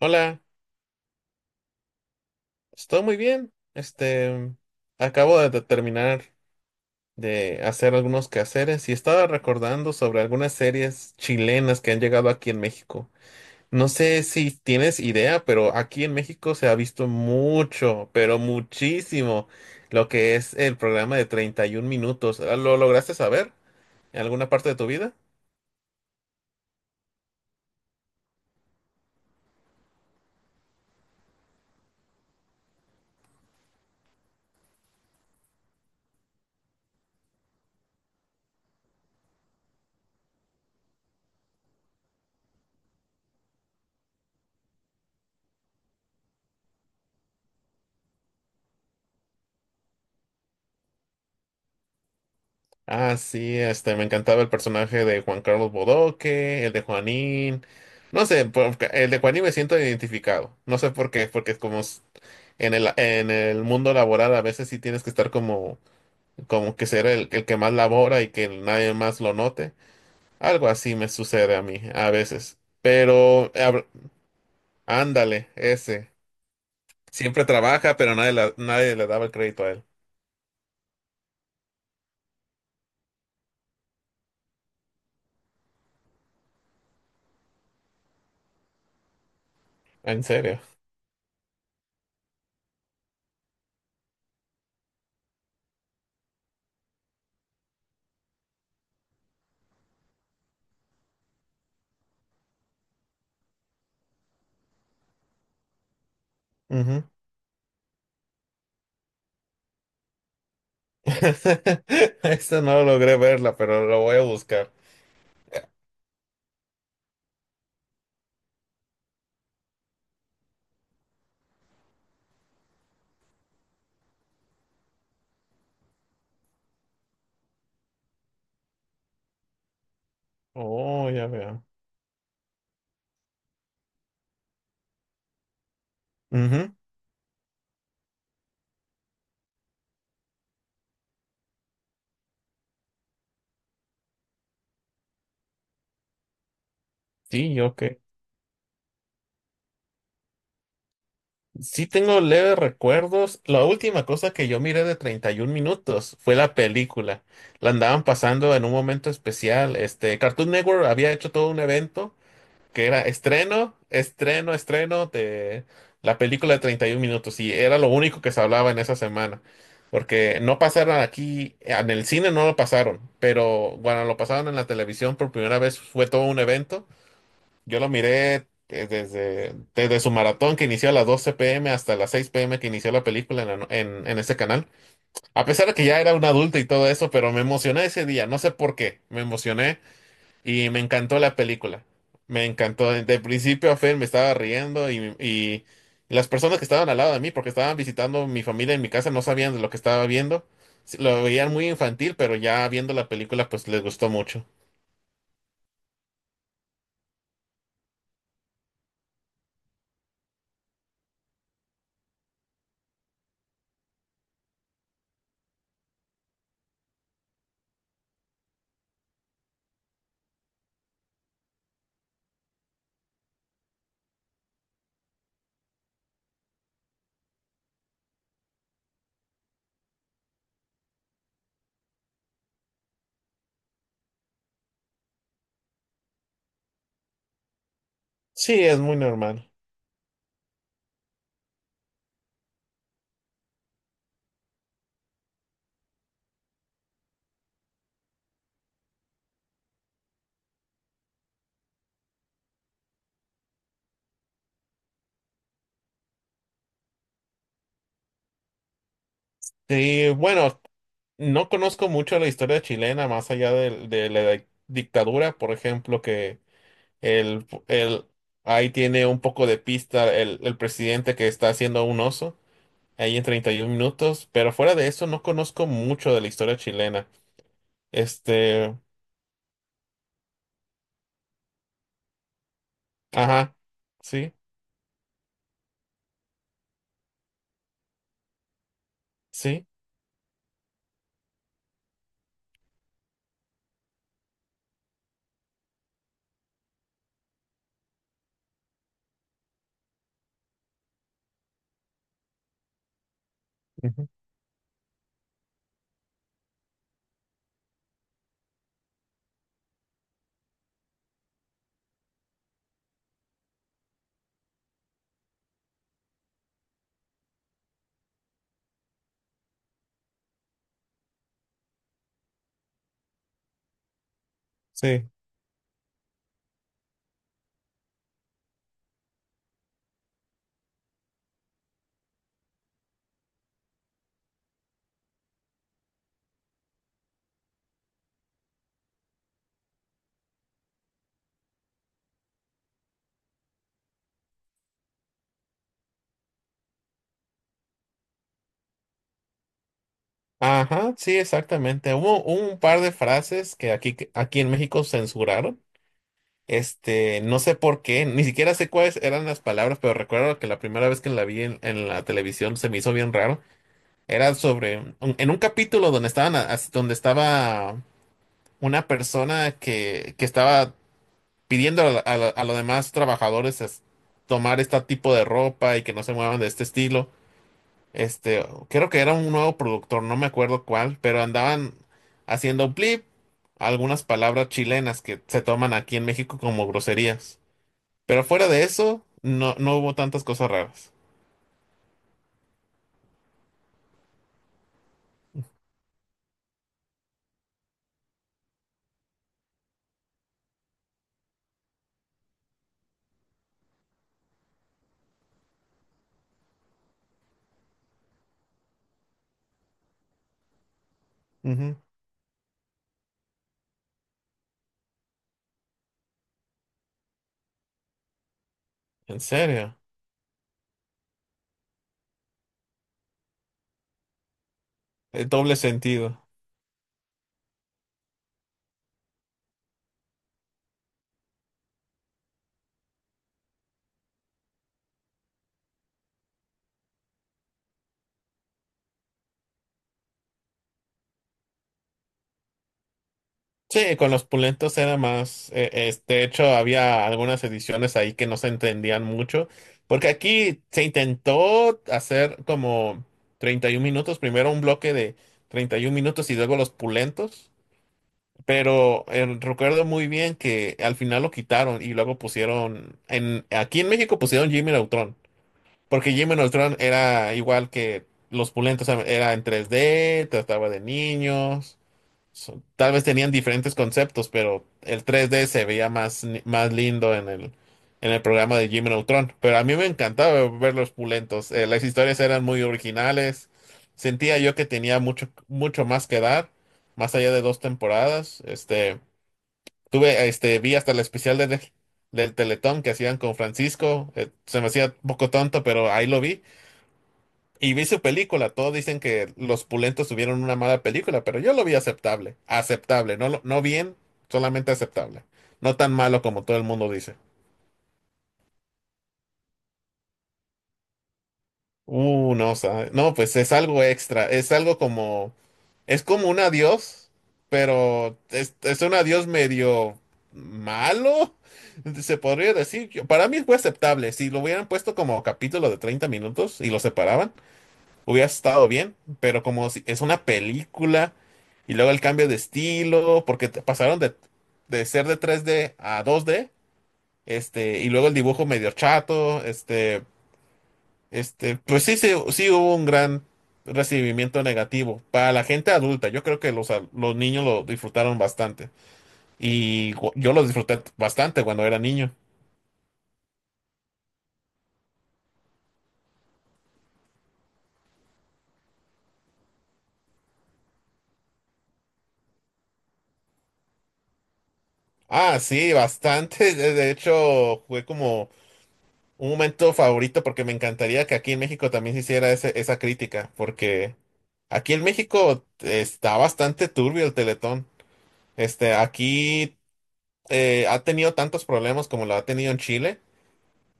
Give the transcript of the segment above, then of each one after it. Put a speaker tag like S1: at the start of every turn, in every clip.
S1: Hola, estoy muy bien. Acabo de terminar de hacer algunos quehaceres y estaba recordando sobre algunas series chilenas que han llegado aquí en México. No sé si tienes idea, pero aquí en México se ha visto mucho, pero muchísimo, lo que es el programa de 31 minutos. ¿Lo lograste saber en alguna parte de tu vida? Ah, sí, me encantaba el personaje de Juan Carlos Bodoque, el de Juanín. No sé, el de Juanín me siento identificado. No sé por qué, porque es como en el mundo laboral a veces sí tienes que estar como que ser el que más labora y que nadie más lo note. Algo así me sucede a mí a veces. Pero ándale, ese. Siempre trabaja, pero nadie, nadie le daba el crédito a él. En serio. Esta no logré verla, pero lo voy a buscar. Oh, ya veo. Ujú. Sí, yo que sí tengo leves recuerdos. La última cosa que yo miré de 31 minutos fue la película. La andaban pasando en un momento especial. Cartoon Network había hecho todo un evento que era estreno, estreno, estreno de la película de 31 minutos y era lo único que se hablaba en esa semana. Porque no pasaron aquí, en el cine no lo pasaron, pero cuando lo pasaron en la televisión por primera vez fue todo un evento. Yo lo miré desde su maratón que inició a las 12 p. m. hasta las 6 p. m. que inició la película en, la no- en ese canal. A pesar de que ya era un adulto y todo eso, pero me emocioné ese día, no sé por qué, me emocioné y me encantó la película. Me encantó. De principio a fin me estaba riendo y las personas que estaban al lado de mí, porque estaban visitando mi familia en mi casa, no sabían de lo que estaba viendo. Sí, lo veían muy infantil, pero ya viendo la película, pues les gustó mucho. Sí, es muy normal. Y bueno, no conozco mucho la historia chilena más allá de la dictadura, por ejemplo, que el, el, ahí tiene un poco de pista el presidente que está haciendo un oso. Ahí en 31 minutos, pero fuera de eso no conozco mucho de la historia chilena. Este, ajá, sí, sí, ujú, sí, ajá, sí, exactamente. Hubo un par de frases que aquí en México censuraron. No sé por qué, ni siquiera sé cuáles eran las palabras, pero recuerdo que la primera vez que la vi en la televisión se me hizo bien raro. Era sobre, en un capítulo donde estaban, donde estaba una persona que estaba pidiendo a, a los demás trabajadores tomar este tipo de ropa y que no se muevan de este estilo. Creo que era un nuevo productor, no me acuerdo cuál, pero andaban haciendo blip algunas palabras chilenas que se toman aquí en México como groserías. Pero fuera de eso, no, no hubo tantas cosas raras. Ujú. En serio, el doble sentido. Sí, con los pulentos era más, de hecho había algunas ediciones ahí que no se entendían mucho, porque aquí se intentó hacer como 31 minutos, primero un bloque de 31 minutos y luego los pulentos, pero recuerdo muy bien que al final lo quitaron y luego pusieron, aquí en México pusieron Jimmy Neutron, porque Jimmy Neutron era igual que los pulentos, era en 3D trataba de niños. Tal vez tenían diferentes conceptos, pero el 3D se veía más, más lindo en el programa de Jimmy Neutron. Pero a mí me encantaba ver los pulentos. Las historias eran muy originales. Sentía yo que tenía mucho, mucho más que dar, más allá de dos temporadas. Vi hasta el especial del Teletón que hacían con Francisco. Se me hacía un poco tonto, pero ahí lo vi. Y vi su película, todos dicen que los pulentos tuvieron una mala película, pero yo lo vi aceptable, aceptable, no, no bien, solamente aceptable, no tan malo como todo el mundo dice. No, no, pues es algo extra, es algo como, es como un adiós, pero es un adiós medio malo, se podría decir. Para mí fue aceptable, si lo hubieran puesto como capítulo de 30 minutos y lo separaban hubiera estado bien, pero como es una película y luego el cambio de estilo, porque pasaron de ser de 3D a 2D, y luego el dibujo medio chato, pues sí, sí, sí hubo un gran recibimiento negativo para la gente adulta. Yo creo que los niños lo disfrutaron bastante y yo lo disfruté bastante cuando era niño. Ah, sí, bastante. De hecho, fue como un momento favorito porque me encantaría que aquí en México también se hiciera esa crítica, porque aquí en México está bastante turbio el Teletón. Aquí ha tenido tantos problemas como lo ha tenido en Chile,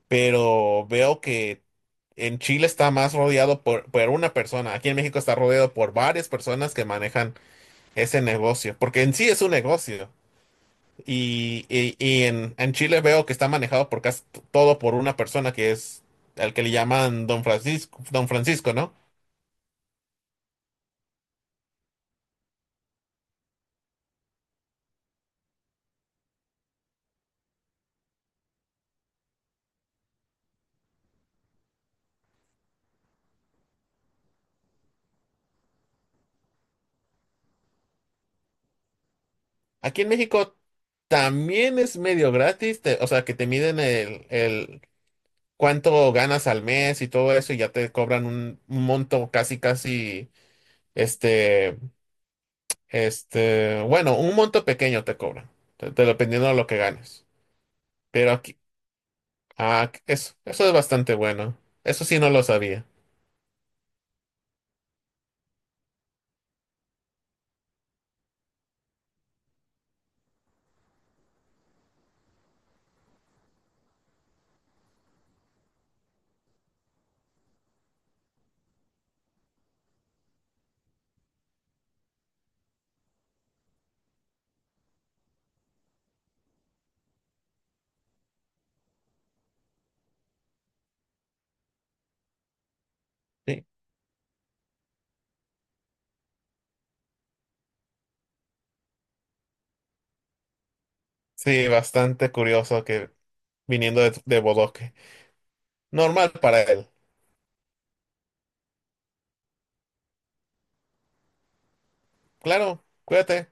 S1: pero veo que en Chile está más rodeado por una persona. Aquí en México está rodeado por varias personas que manejan ese negocio, porque en sí es un negocio. Y en Chile veo que está manejado por casi todo por una persona que es al que le llaman Don Francisco, Don Francisco, ¿no? Aquí en México también es medio gratis, o sea, que te miden el cuánto ganas al mes y todo eso y ya te cobran un monto casi, casi, este, bueno, un monto pequeño te cobran, dependiendo de lo que ganes. Pero aquí, ah, eso es bastante bueno. Eso sí no lo sabía. Sí. Sí, bastante curioso que viniendo de Bodoque. Normal para él. Claro, cuídate.